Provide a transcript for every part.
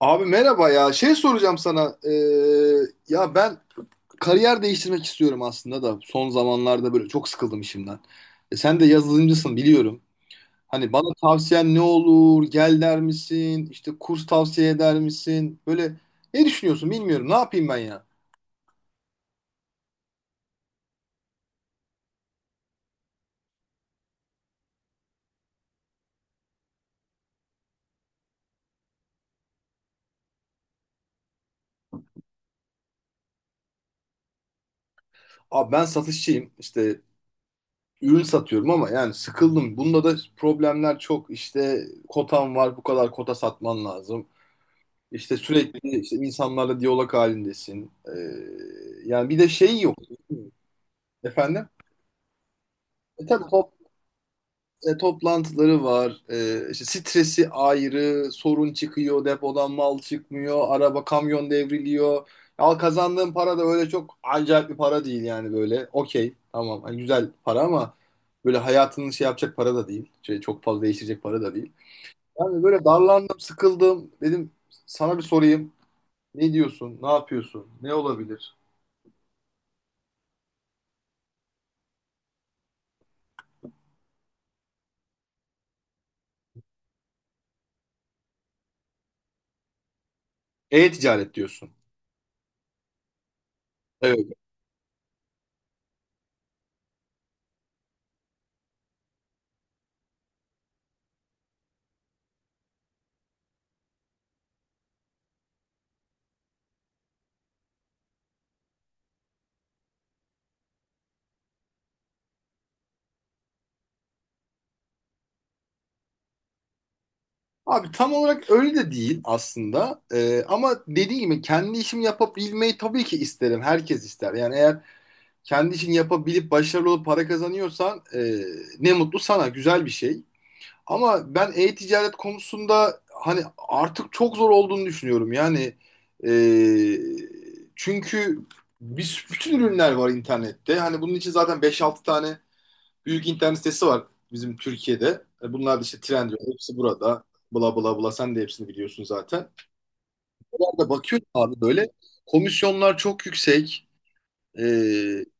Abi merhaba ya. Şey soracağım sana. Ya ben kariyer değiştirmek istiyorum aslında da son zamanlarda böyle çok sıkıldım işimden. Sen de yazılımcısın biliyorum. Hani bana tavsiyen ne olur? Gel der misin? İşte kurs tavsiye eder misin? Böyle ne düşünüyorsun bilmiyorum. Ne yapayım ben ya? Abi ben satışçıyım. İşte ürün satıyorum ama yani sıkıldım. Bunda da problemler çok. İşte kotam var, bu kadar kota satman lazım. İşte sürekli işte insanlarla diyalog halindesin. Yani bir de şey yok efendim. E tabii toplantıları var. İşte stresi ayrı, sorun çıkıyor, depodan mal çıkmıyor, araba kamyon devriliyor. Al, kazandığın para da öyle çok acayip bir para değil yani böyle. Okey, tamam. Hani güzel para ama böyle hayatını şey yapacak para da değil. Şey, çok fazla değiştirecek para da değil. Yani böyle darlandım, sıkıldım. Dedim sana bir sorayım. Ne diyorsun? Ne yapıyorsun? Ne olabilir? E-ticaret diyorsun. Evet. Abi tam olarak öyle de değil aslında. Ama dediğim gibi kendi işimi yapabilmeyi tabii ki isterim. Herkes ister. Yani eğer kendi işini yapabilip başarılı olup para kazanıyorsan ne mutlu sana. Güzel bir şey. Ama ben e-ticaret konusunda hani artık çok zor olduğunu düşünüyorum. Yani e, çünkü biz bütün ürünler var internette. Hani bunun için zaten beş altı tane büyük internet sitesi var bizim Türkiye'de. Bunlar da işte Trendyol, hepsi burada. Bla bla bla, sen de hepsini biliyorsun zaten. Oralarda bakıyorsun abi, böyle komisyonlar çok yüksek. E,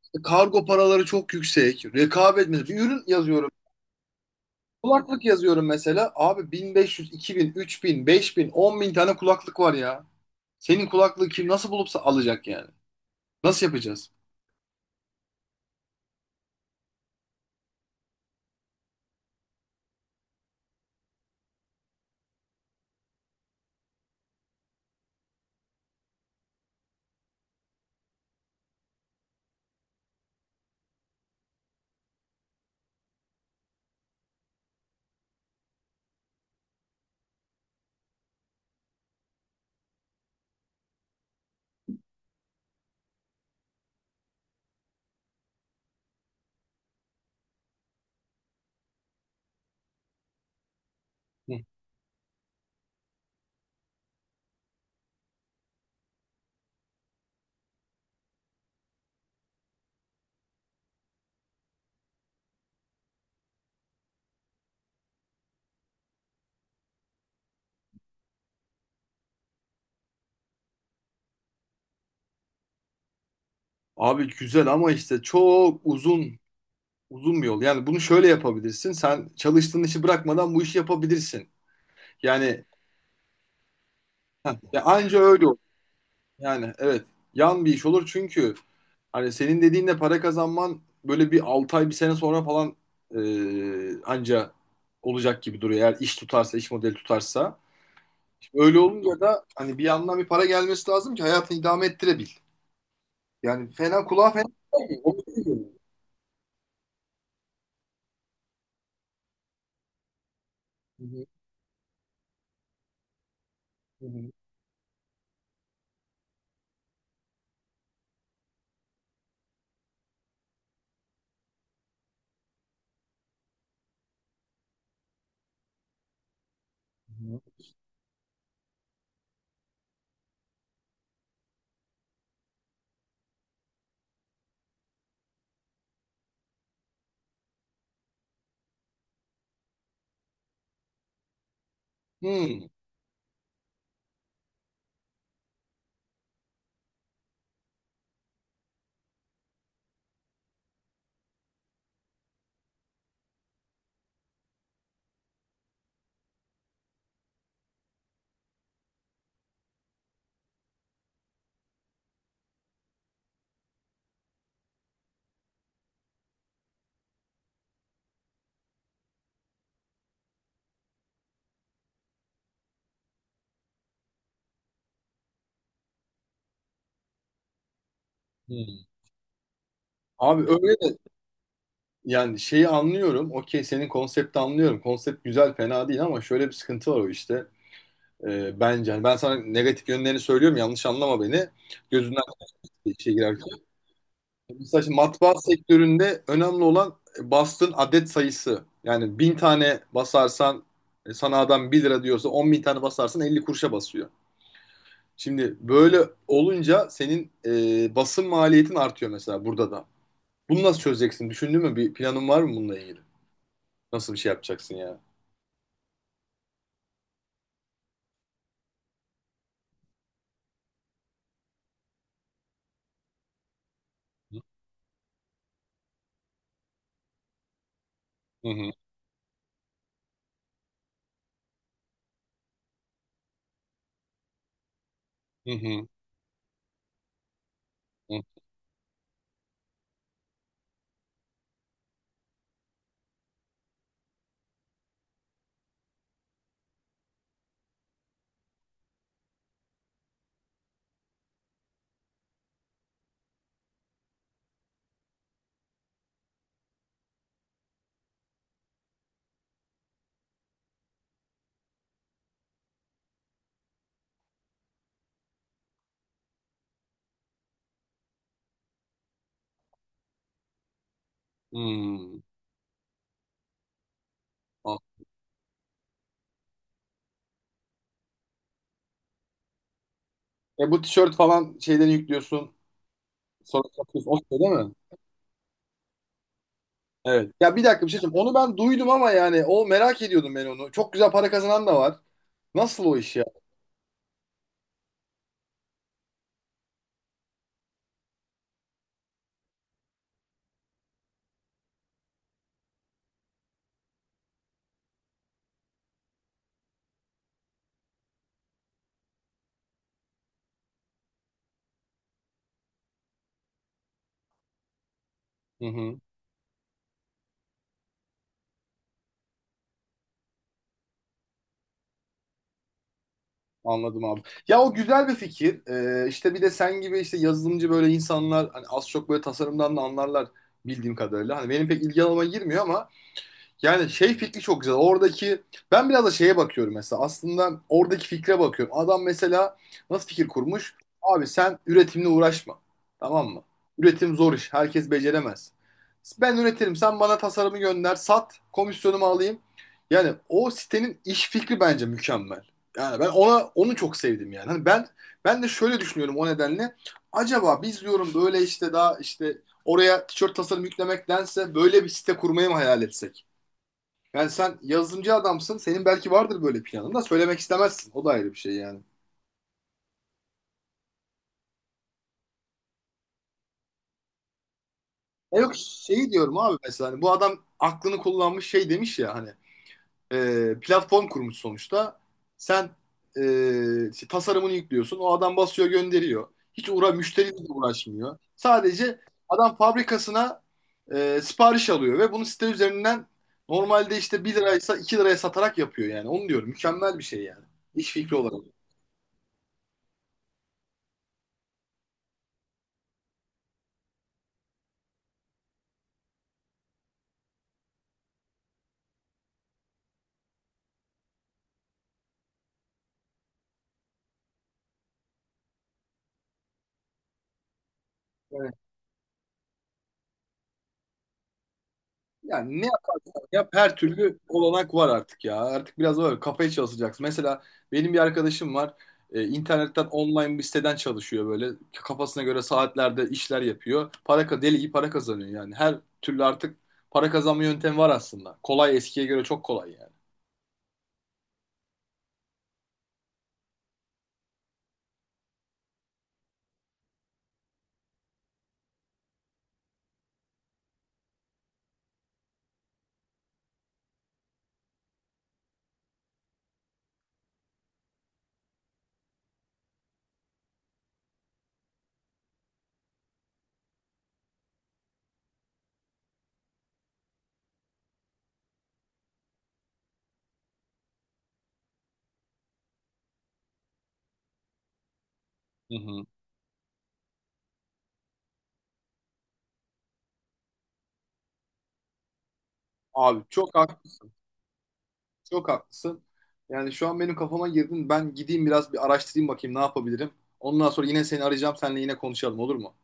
işte kargo paraları çok yüksek. Rekabet, mesela bir ürün yazıyorum. Kulaklık yazıyorum mesela. Abi 1500, 2000, 3000, 5000, 10.000 tane kulaklık var ya. Senin kulaklığı kim nasıl bulupsa alacak yani. Nasıl yapacağız? Hı. Abi güzel ama işte çok uzun Uzun bir yol. Yani bunu şöyle yapabilirsin. Sen çalıştığın işi bırakmadan bu işi yapabilirsin. Yani ya anca öyle olur. Yani evet. Yan bir iş olur çünkü hani senin dediğinle para kazanman böyle bir 6 ay bir sene sonra falan anca olacak gibi duruyor. Eğer iş tutarsa, iş modeli tutarsa. Şimdi öyle olunca da hani bir yandan bir para gelmesi lazım ki hayatını idame ettirebil. Yani kulağa fena gelmiyor. Onu söylüyorum. Hı hı, hı hı, hı hı. Hmm. Hmm. Abi öyle. Yani şeyi anlıyorum. Okey, senin konsepti anlıyorum. Konsept güzel, fena değil ama şöyle bir sıkıntı var o işte. Bence. Hani ben sana negatif yönlerini söylüyorum. Yanlış anlama beni. Gözünden işe girerken. Mesela şimdi matbaa sektöründe önemli olan bastığın adet sayısı. Yani 1.000 tane basarsan sana adam 1 lira diyorsa, 10.000 tane basarsan 50 kuruşa basıyor. Şimdi böyle olunca senin basın maliyetin artıyor mesela burada da. Bunu nasıl çözeceksin? Düşündün mü? Bir planın var mı bununla ilgili? Nasıl bir şey yapacaksın ya? Hı hı. Hı hı. Hı. Hmm. O- Bu tişört falan şeyleri yüklüyorsun. Sonra satıyorsun. O şey değil mi? Evet. Ya, bir dakika bir şey söyleyeyim. Onu ben duydum ama yani o merak ediyordum ben onu. Çok güzel para kazanan da var. Nasıl o iş ya? Hı hı. Anladım abi. Ya o güzel bir fikir. İşte bir de sen gibi işte yazılımcı böyle insanlar hani az çok böyle tasarımdan da anlarlar bildiğim kadarıyla. Hani benim pek ilgi alanıma girmiyor ama. Yani şey fikri çok güzel. Oradaki ben biraz da şeye bakıyorum mesela. Aslında oradaki fikre bakıyorum. Adam mesela nasıl fikir kurmuş? Abi sen üretimle uğraşma. Tamam mı? Üretim zor iş. Herkes beceremez. Ben üretirim. Sen bana tasarımı gönder. Sat. Komisyonumu alayım. Yani o sitenin iş fikri bence mükemmel. Yani ben ona onu çok sevdim yani. Hani ben de şöyle düşünüyorum o nedenle. Acaba biz diyorum böyle işte daha işte oraya tişört tasarım yüklemektense böyle bir site kurmayı mı hayal etsek? Yani sen yazılımcı adamsın. Senin belki vardır böyle planın da söylemek istemezsin. O da ayrı bir şey yani. Ya yok, şeyi diyorum abi, mesela hani bu adam aklını kullanmış, şey demiş ya hani platform kurmuş sonuçta. Sen işte tasarımını yüklüyorsun. O adam basıyor, gönderiyor. Hiç müşteriyle de uğraşmıyor. Sadece adam fabrikasına sipariş alıyor ve bunu site üzerinden normalde işte 1 liraysa 2 liraya satarak yapıyor yani. Onu diyorum. Mükemmel bir şey yani. İş fikri olarak. Yani, yani ne Ya her türlü olanak var artık ya. Artık biraz da böyle kafaya çalışacaksın. Mesela benim bir arkadaşım var. İnternetten online bir siteden çalışıyor böyle. Kafasına göre saatlerde işler yapıyor. Deli gibi para kazanıyor yani. Her türlü artık para kazanma yöntemi var aslında. Kolay, eskiye göre çok kolay yani. Hı hı. Abi çok haklısın. Çok haklısın. Yani şu an benim kafama girdin. Ben gideyim biraz bir araştırayım, bakayım ne yapabilirim. Ondan sonra yine seni arayacağım. Seninle yine konuşalım, olur mu?